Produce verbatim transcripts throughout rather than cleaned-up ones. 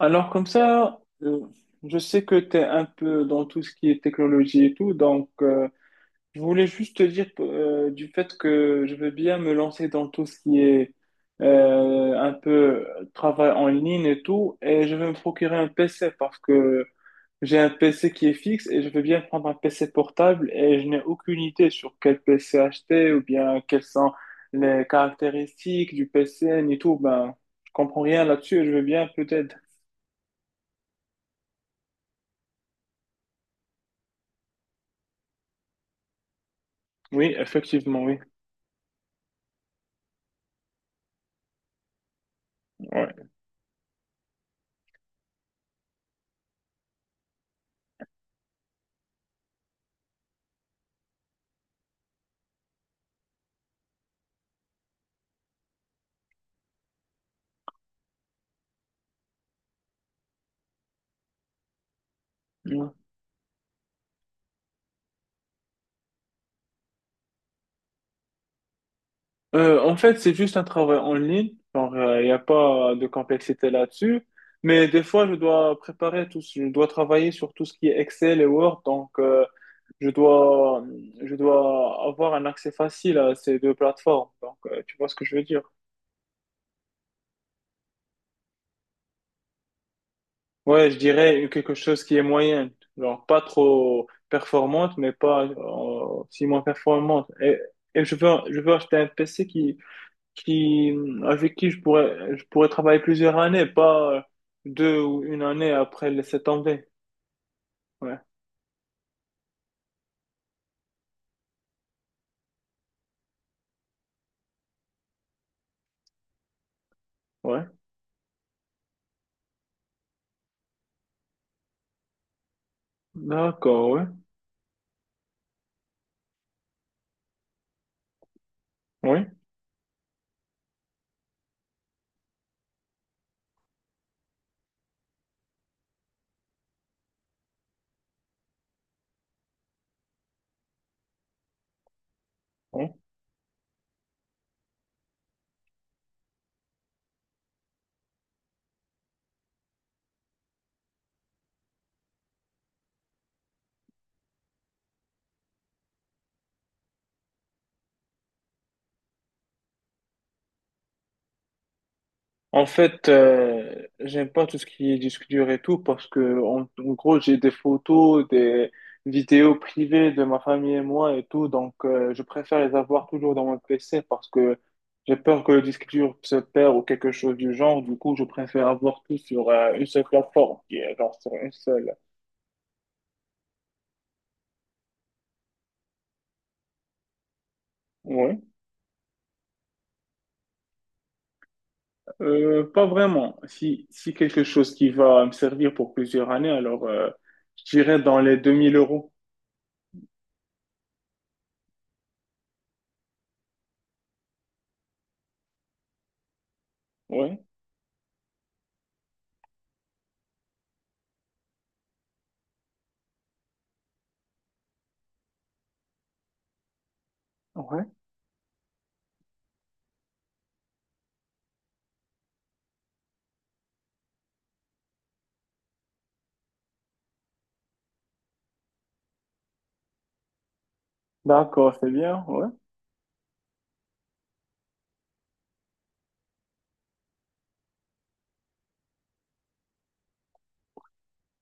Alors comme ça, euh, je sais que tu es un peu dans tout ce qui est technologie et tout, donc euh, je voulais juste te dire euh, du fait que je veux bien me lancer dans tout ce qui est euh, un peu travail en ligne et tout, et je vais me procurer un P C parce que j'ai un P C qui est fixe et je veux bien prendre un P C portable et je n'ai aucune idée sur quel P C acheter ou bien quelles sont les caractéristiques du P C ni tout, ben je comprends rien là-dessus et je veux bien peut-être. Oui, effectivement, oui. Ouais. Ouais. Euh, en fait, c'est juste un travail en ligne. Genre, il n'y a pas de complexité là-dessus. Mais des fois, je dois préparer tout, ce- je dois travailler sur tout ce qui est Excel et Word. Donc, euh, je dois, je dois avoir un accès facile à ces deux plateformes. Donc, euh, tu vois ce que je veux dire? Ouais, je dirais quelque chose qui est moyenne. Genre, pas trop performante, mais pas euh, si moins performante. Et, et je veux, je veux acheter un P C qui, qui, avec qui je pourrais, je pourrais travailler plusieurs années, pas euh, deux ou une année après laisser tomber. Ouais, ouais. D'accord, ouais, oui ouais. En fait, euh, j'aime pas tout ce qui est disque dur et tout parce que, en, en gros, j'ai des photos, des vidéos privées de ma famille et moi et tout, donc euh, je préfère les avoir toujours dans mon P C parce que j'ai peur que le disque dur se perd ou quelque chose du genre. Du coup, je préfère avoir tout sur euh, une seule plateforme, qui est genre sur une seule. Ouais. Euh, pas vraiment. Si, si quelque chose qui va me servir pour plusieurs années, alors euh, je dirais dans les deux mille euros. Ouais, ouais. D'accord, c'est bien, ouais.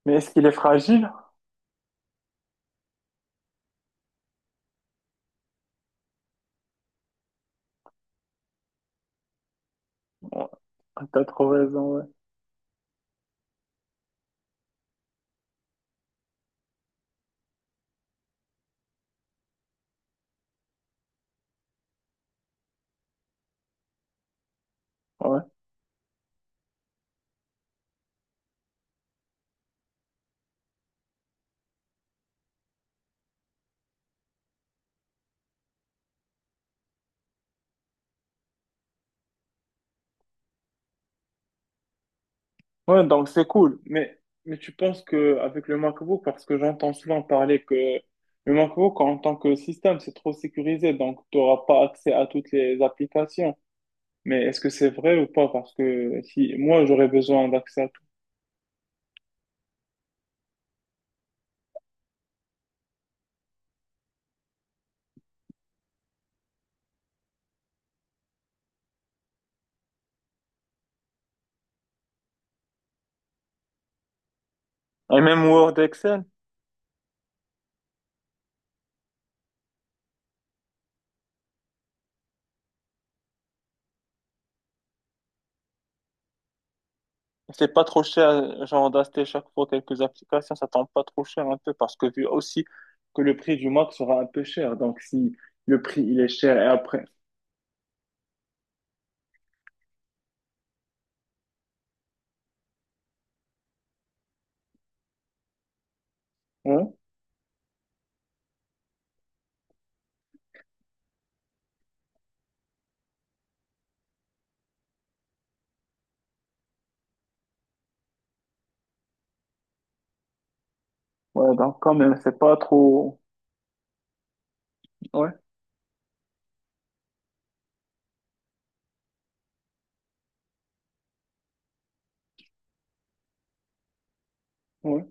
Mais est-ce qu'il est fragile? Ouais, t'as trop raison, ouais. Ouais. Ouais, donc c'est cool. Mais, mais tu penses que avec le MacBook, parce que j'entends souvent parler que le MacBook en tant que système, c'est trop sécurisé, donc tu n'auras pas accès à toutes les applications. Mais est-ce que c'est vrai ou pas? Parce que si moi, j'aurais besoin d'accès à tout. Et même Word et Excel? C'est pas trop cher, genre d'acheter chaque fois quelques applications, ça tombe pas trop cher un peu parce que vu aussi que le prix du Mac sera un peu cher. Donc si le prix il est cher et après, ouais, ouais, donc quand même c'est pas trop, ouais, ouais,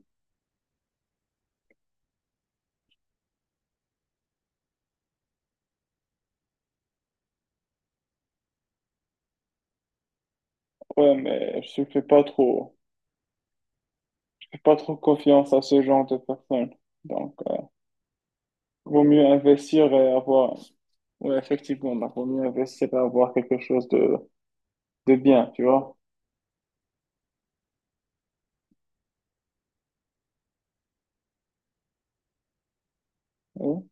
ouais, mais je fais pas trop, je fais pas trop confiance à ce genre de personnes. Donc euh, vaut mieux investir et avoir, ouais, effectivement, donc, vaut mieux investir et avoir quelque chose de, de bien, tu vois. Ouais,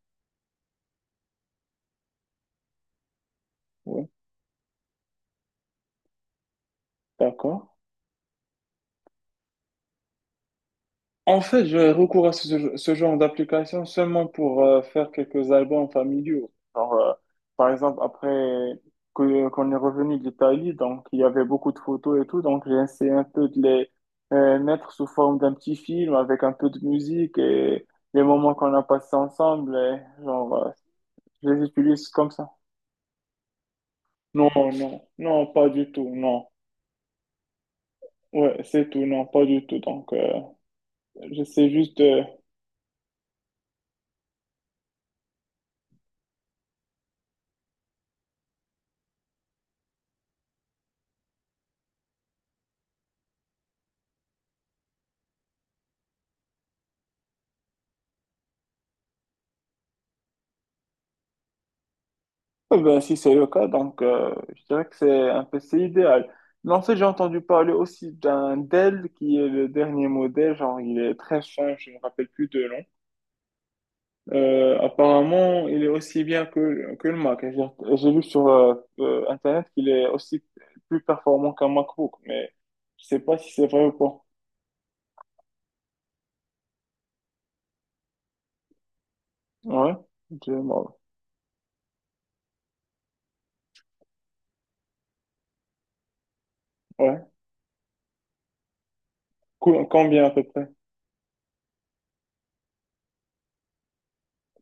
ouais, d'accord. En fait, j'ai recours à ce, ce genre d'application seulement pour euh, faire quelques albums familiaux. Genre, euh, par exemple, après que, qu'on est revenu d'Italie, donc il y avait beaucoup de photos et tout, donc j'ai essayé un peu de les euh, mettre sous forme d'un petit film avec un peu de musique et les moments qu'on a passés ensemble, et, genre, euh, je les utilise comme ça. Non, non, non, pas du tout, non. Ouais, c'est tout, non, pas du tout. Donc, euh, j'essaie juste de... Eh ben, si c'est le cas, donc euh, je dirais que c'est un P C idéal. Mais en fait, j'ai entendu parler aussi d'un Dell qui est le dernier modèle, genre il est très fin, je ne me rappelle plus de nom. Euh, apparemment, il est aussi bien que, que le Mac. J'ai j'ai lu sur euh, euh, Internet qu'il est aussi plus performant qu'un MacBook, mais je sais pas si c'est vrai ou pas. Ouais, je- Ouais. Cool. Combien à peu près?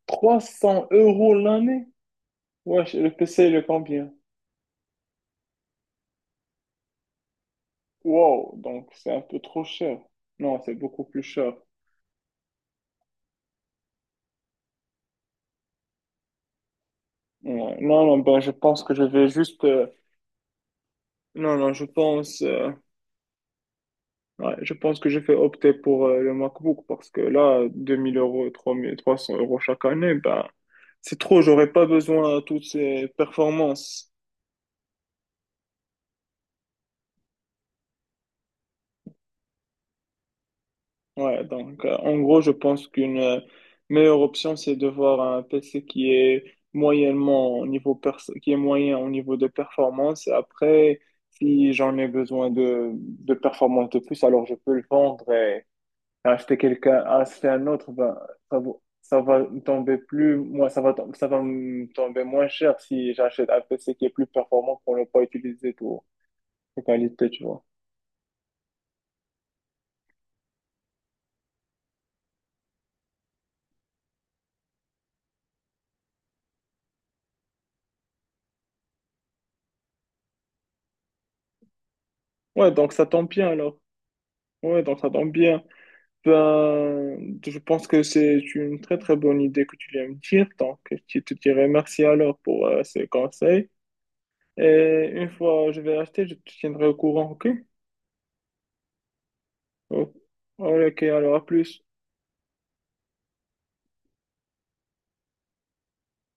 Trois cents euros l'année? Ouais, le P C, il est combien? Wow, donc c'est un peu trop cher. Non, c'est beaucoup plus cher. Ouais. Non, non, ben je pense que je vais juste... euh, Non, non, je pense... euh, ouais, je pense que je vais opter pour euh, le MacBook parce que là, deux mille euros, trois mille trois cents euros chaque année, ben c'est trop, j'aurais pas besoin de toutes ces performances. Ouais, donc euh, en gros, je pense qu'une euh, meilleure option, c'est de voir un P C qui est moyennement au niveau perso- qui est moyen au niveau de performance. Après, si j'en ai besoin de, de performance de plus, alors je peux le vendre et acheter quelqu'un, acheter un autre, ben, ça, vaut- ça va me tomber plus, moi, ça va, tom- ça va me tomber moins cher si j'achète un P C qui est plus performant pour ne pas utiliser tout les qualités, tu vois. Ouais, donc ça tombe bien alors. Ouais, donc ça tombe bien. Ben, je pense que c'est une très très bonne idée que tu viens me dire. Donc, je te dirais merci alors pour euh, ces conseils. Et une fois je vais acheter, je te tiendrai au courant, ok? Oh. Ok, alors à plus.